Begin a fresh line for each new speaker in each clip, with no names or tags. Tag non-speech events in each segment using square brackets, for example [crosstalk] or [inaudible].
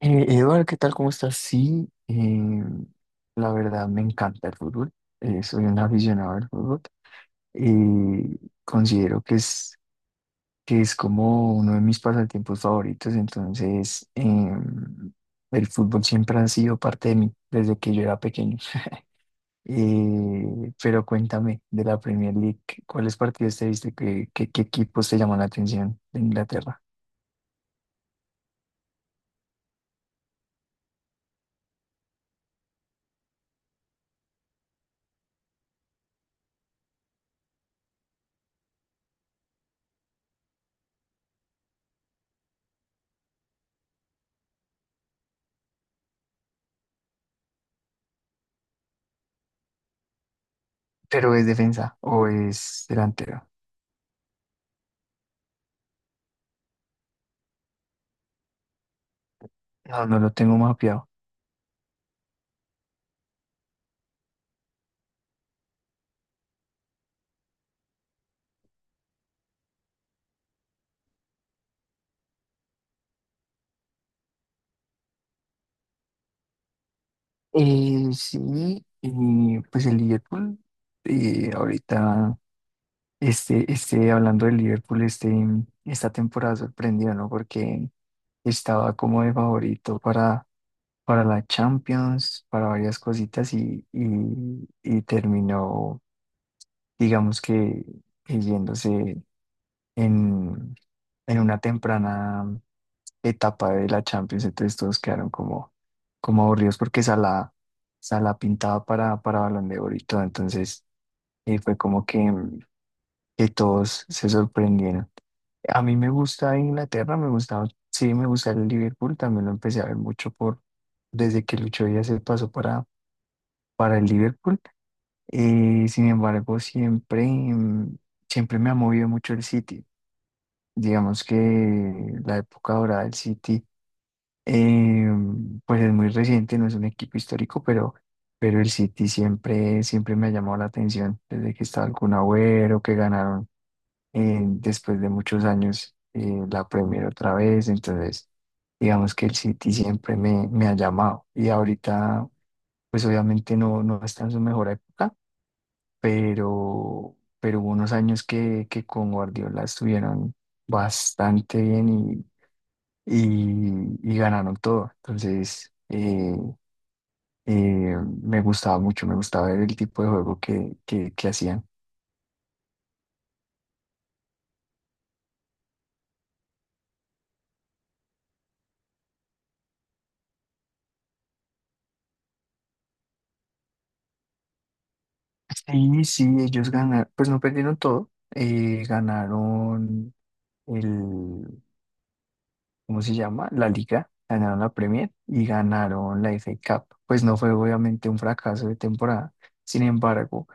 Eduardo, ¿qué tal? ¿Cómo estás? Sí, la verdad me encanta el fútbol. Soy un aficionado al fútbol y considero que es como uno de mis pasatiempos favoritos. Entonces, el fútbol siempre ha sido parte de mí desde que yo era pequeño. [laughs] Pero cuéntame de la Premier League, ¿cuáles partidos te viste? ¿Qué equipos te llaman la atención de Inglaterra? ¿Pero es defensa o es delantero? No, no lo tengo mapeado. Sí, y pues el Liverpool, ahorita, hablando del Liverpool, esta temporada sorprendió, ¿no? Porque estaba como de favorito para la Champions, para varias cositas y terminó, digamos que yéndose en, en una temprana etapa de la Champions. Entonces todos quedaron como aburridos porque Salah pintaba para Balón de Oro y todo. Entonces fue como que, que todos se sorprendieron. A mí me gusta Inglaterra, me gusta, sí, me gusta el Liverpool, también lo empecé a ver mucho desde que Lucho Díaz se pasó para el Liverpool. Sin embargo, siempre, siempre me ha movido mucho el City. Digamos que la época dorada del City Eh, pues es muy reciente, no es un equipo histórico, pero el City siempre me ha llamado la atención desde que estaba el Kun Agüero, que ganaron después de muchos años la Premier otra vez. Entonces, digamos que el City siempre me ha llamado. Y ahorita, pues obviamente no, no está en su mejor época, pero hubo unos años que con Guardiola estuvieron bastante bien y, ganaron todo. Entonces, eh, me gustaba mucho, me gustaba ver el tipo de juego que hacían. Sí, sí, ellos ganaron, pues no perdieron todo, ganaron el, ¿cómo se llama? La liga, ganaron la Premier y ganaron la FA Cup. Pues no fue obviamente un fracaso de temporada, sin embargo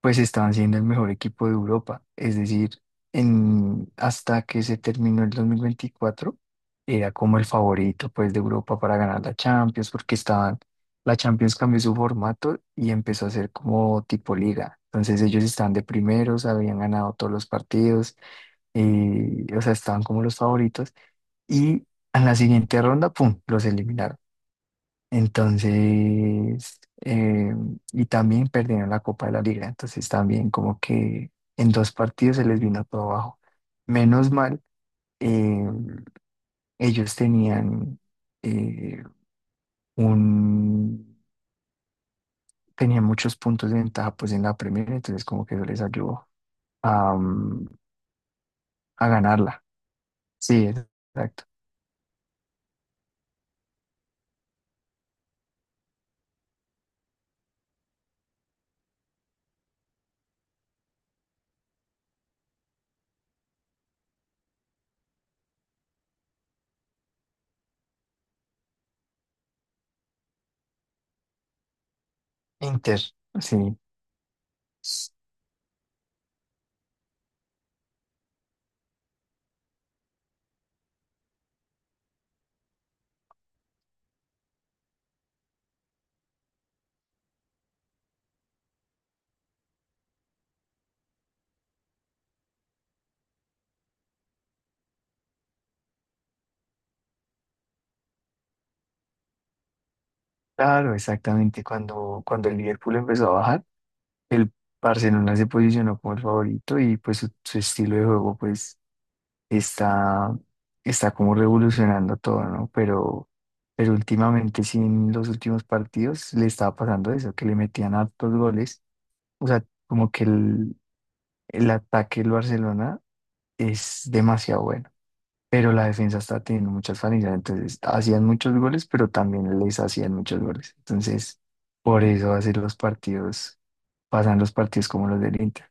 pues estaban siendo el mejor equipo de Europa. Es decir, hasta que se terminó el 2024 era como el favorito pues de Europa para ganar la Champions, porque la Champions cambió su formato y empezó a ser como tipo liga. Entonces ellos estaban de primeros, habían ganado todos los partidos, y, o sea, estaban como los favoritos. Y en la siguiente ronda, ¡pum!, los eliminaron. Entonces, y también perdieron la Copa de la Liga. Entonces, también como que en dos partidos se les vino todo abajo. Menos mal, eh, ellos tenían eh, un tenían muchos puntos de ventaja pues en la Premier, entonces como que eso les ayudó a, mm, a ganarla. Sí, exacto. Inter, sí. Claro, exactamente. Cuando el Liverpool empezó a bajar, el Barcelona se posicionó como el favorito y pues su estilo de juego pues está, está como revolucionando todo, ¿no? Pero últimamente sí en los últimos partidos le estaba pasando eso, que le metían hartos goles. O sea, como que el ataque del Barcelona es demasiado bueno, pero la defensa está teniendo muchas falencias. Entonces hacían muchos goles, pero también les hacían muchos goles. Entonces, por eso pasan los partidos como los del Inter.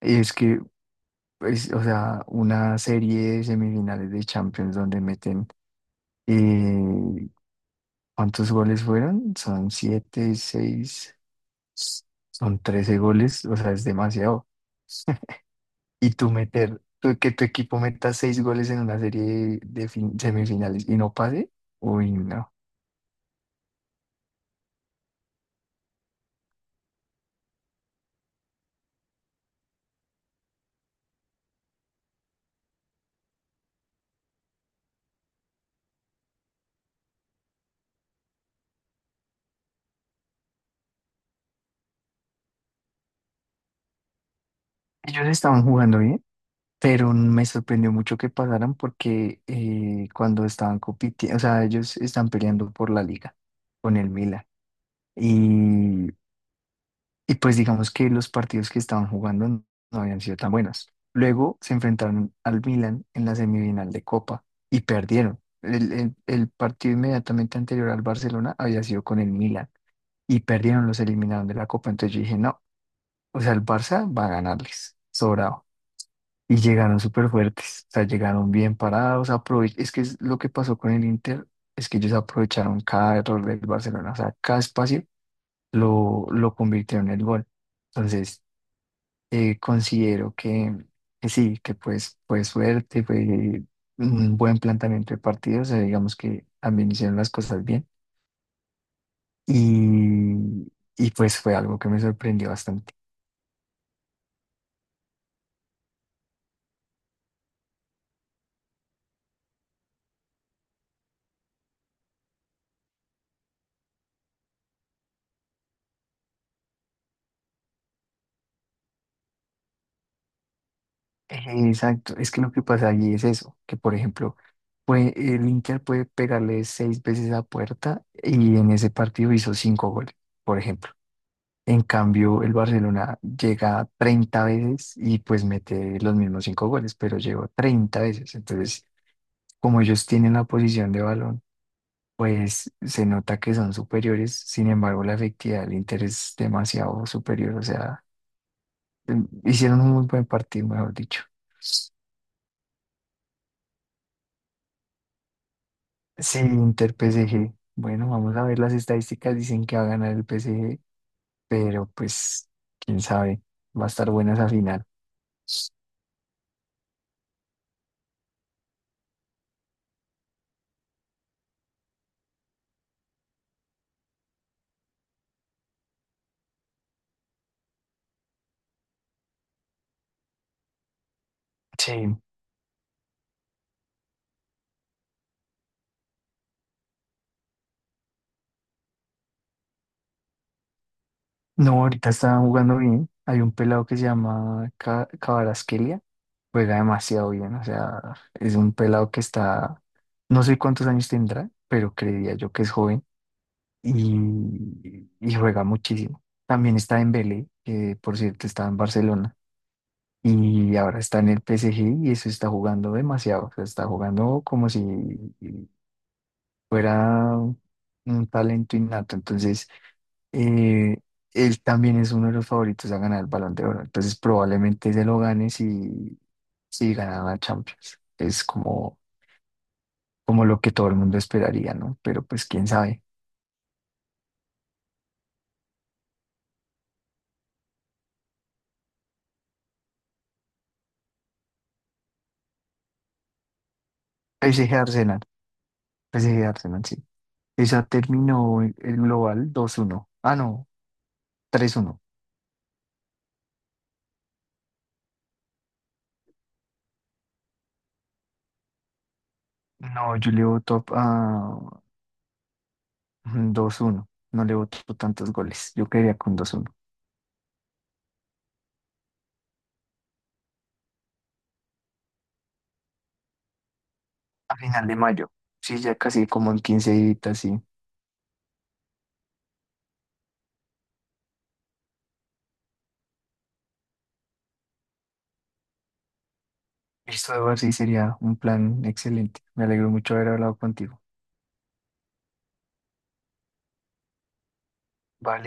Es que pues, o sea, una serie de semifinales de Champions donde meten, eh, ¿cuántos goles fueron? Son siete, seis, son 13 goles, o sea, es demasiado. [laughs] Y que tu equipo meta seis goles en una serie de, semifinales y no pase, uy, no. Ellos estaban jugando bien, pero me sorprendió mucho que pasaran porque cuando estaban compitiendo, o sea, ellos están peleando por la liga con el Milan. Y, y pues digamos que los partidos que estaban jugando no habían sido tan buenos. Luego se enfrentaron al Milan en la semifinal de Copa y perdieron. El partido inmediatamente anterior al Barcelona había sido con el Milan y perdieron, los eliminaron de la Copa. Entonces yo dije, no, o sea, el Barça va a ganarles, sobrado. Y llegaron súper fuertes, o sea, llegaron bien parados. Es que es lo que pasó con el Inter es que ellos aprovecharon cada error del Barcelona, o sea, cada espacio lo convirtió en el gol. Entonces, considero que sí, que pues fue suerte, fue un buen planteamiento de partido, o sea, digamos que también hicieron las cosas bien y, y pues fue algo que me sorprendió bastante. Exacto, es que lo que pasa allí es eso, que por ejemplo, el Inter puede pegarle seis veces a puerta y en ese partido hizo cinco goles, por ejemplo. En cambio, el Barcelona llega 30 veces y pues mete los mismos 5 goles, pero llegó 30 veces. Entonces, como ellos tienen la posición de balón, pues se nota que son superiores. Sin embargo, la efectividad del Inter es demasiado superior. O sea, hicieron un muy buen partido, mejor dicho. Sí, Inter PSG. Bueno, vamos a ver las estadísticas. Dicen que va a ganar el PSG, pero pues, quién sabe, va a estar buena esa final. Sí. No, ahorita estaban jugando bien. Hay un pelado que se llama Kvaratskhelia. Juega demasiado bien. O sea, es un pelado que está. No sé cuántos años tendrá, pero creería yo que es joven. Y juega muchísimo. También está en Dembélé, que por cierto está en Barcelona. Y ahora está en el PSG y eso está jugando demasiado. O sea, está jugando como si fuera un talento innato. Entonces eh, él también es uno de los favoritos a ganar el Balón de Oro. Entonces probablemente se lo gane si gana la Champions. Es como lo que todo el mundo esperaría, ¿no? Pero pues quién sabe. PSG. Arsenal, PSG. Arsenal, sí. Esa terminó el global 2-1. Ah, no, 3-1. No, yo le voto a 2-1. No le voto tantos goles. Yo quedaría con 2-1. A final de mayo. Sí, ya casi como en 15 días, sí. Listo, Eduardo, sí sería un plan excelente. Me alegro mucho haber hablado contigo. Vale.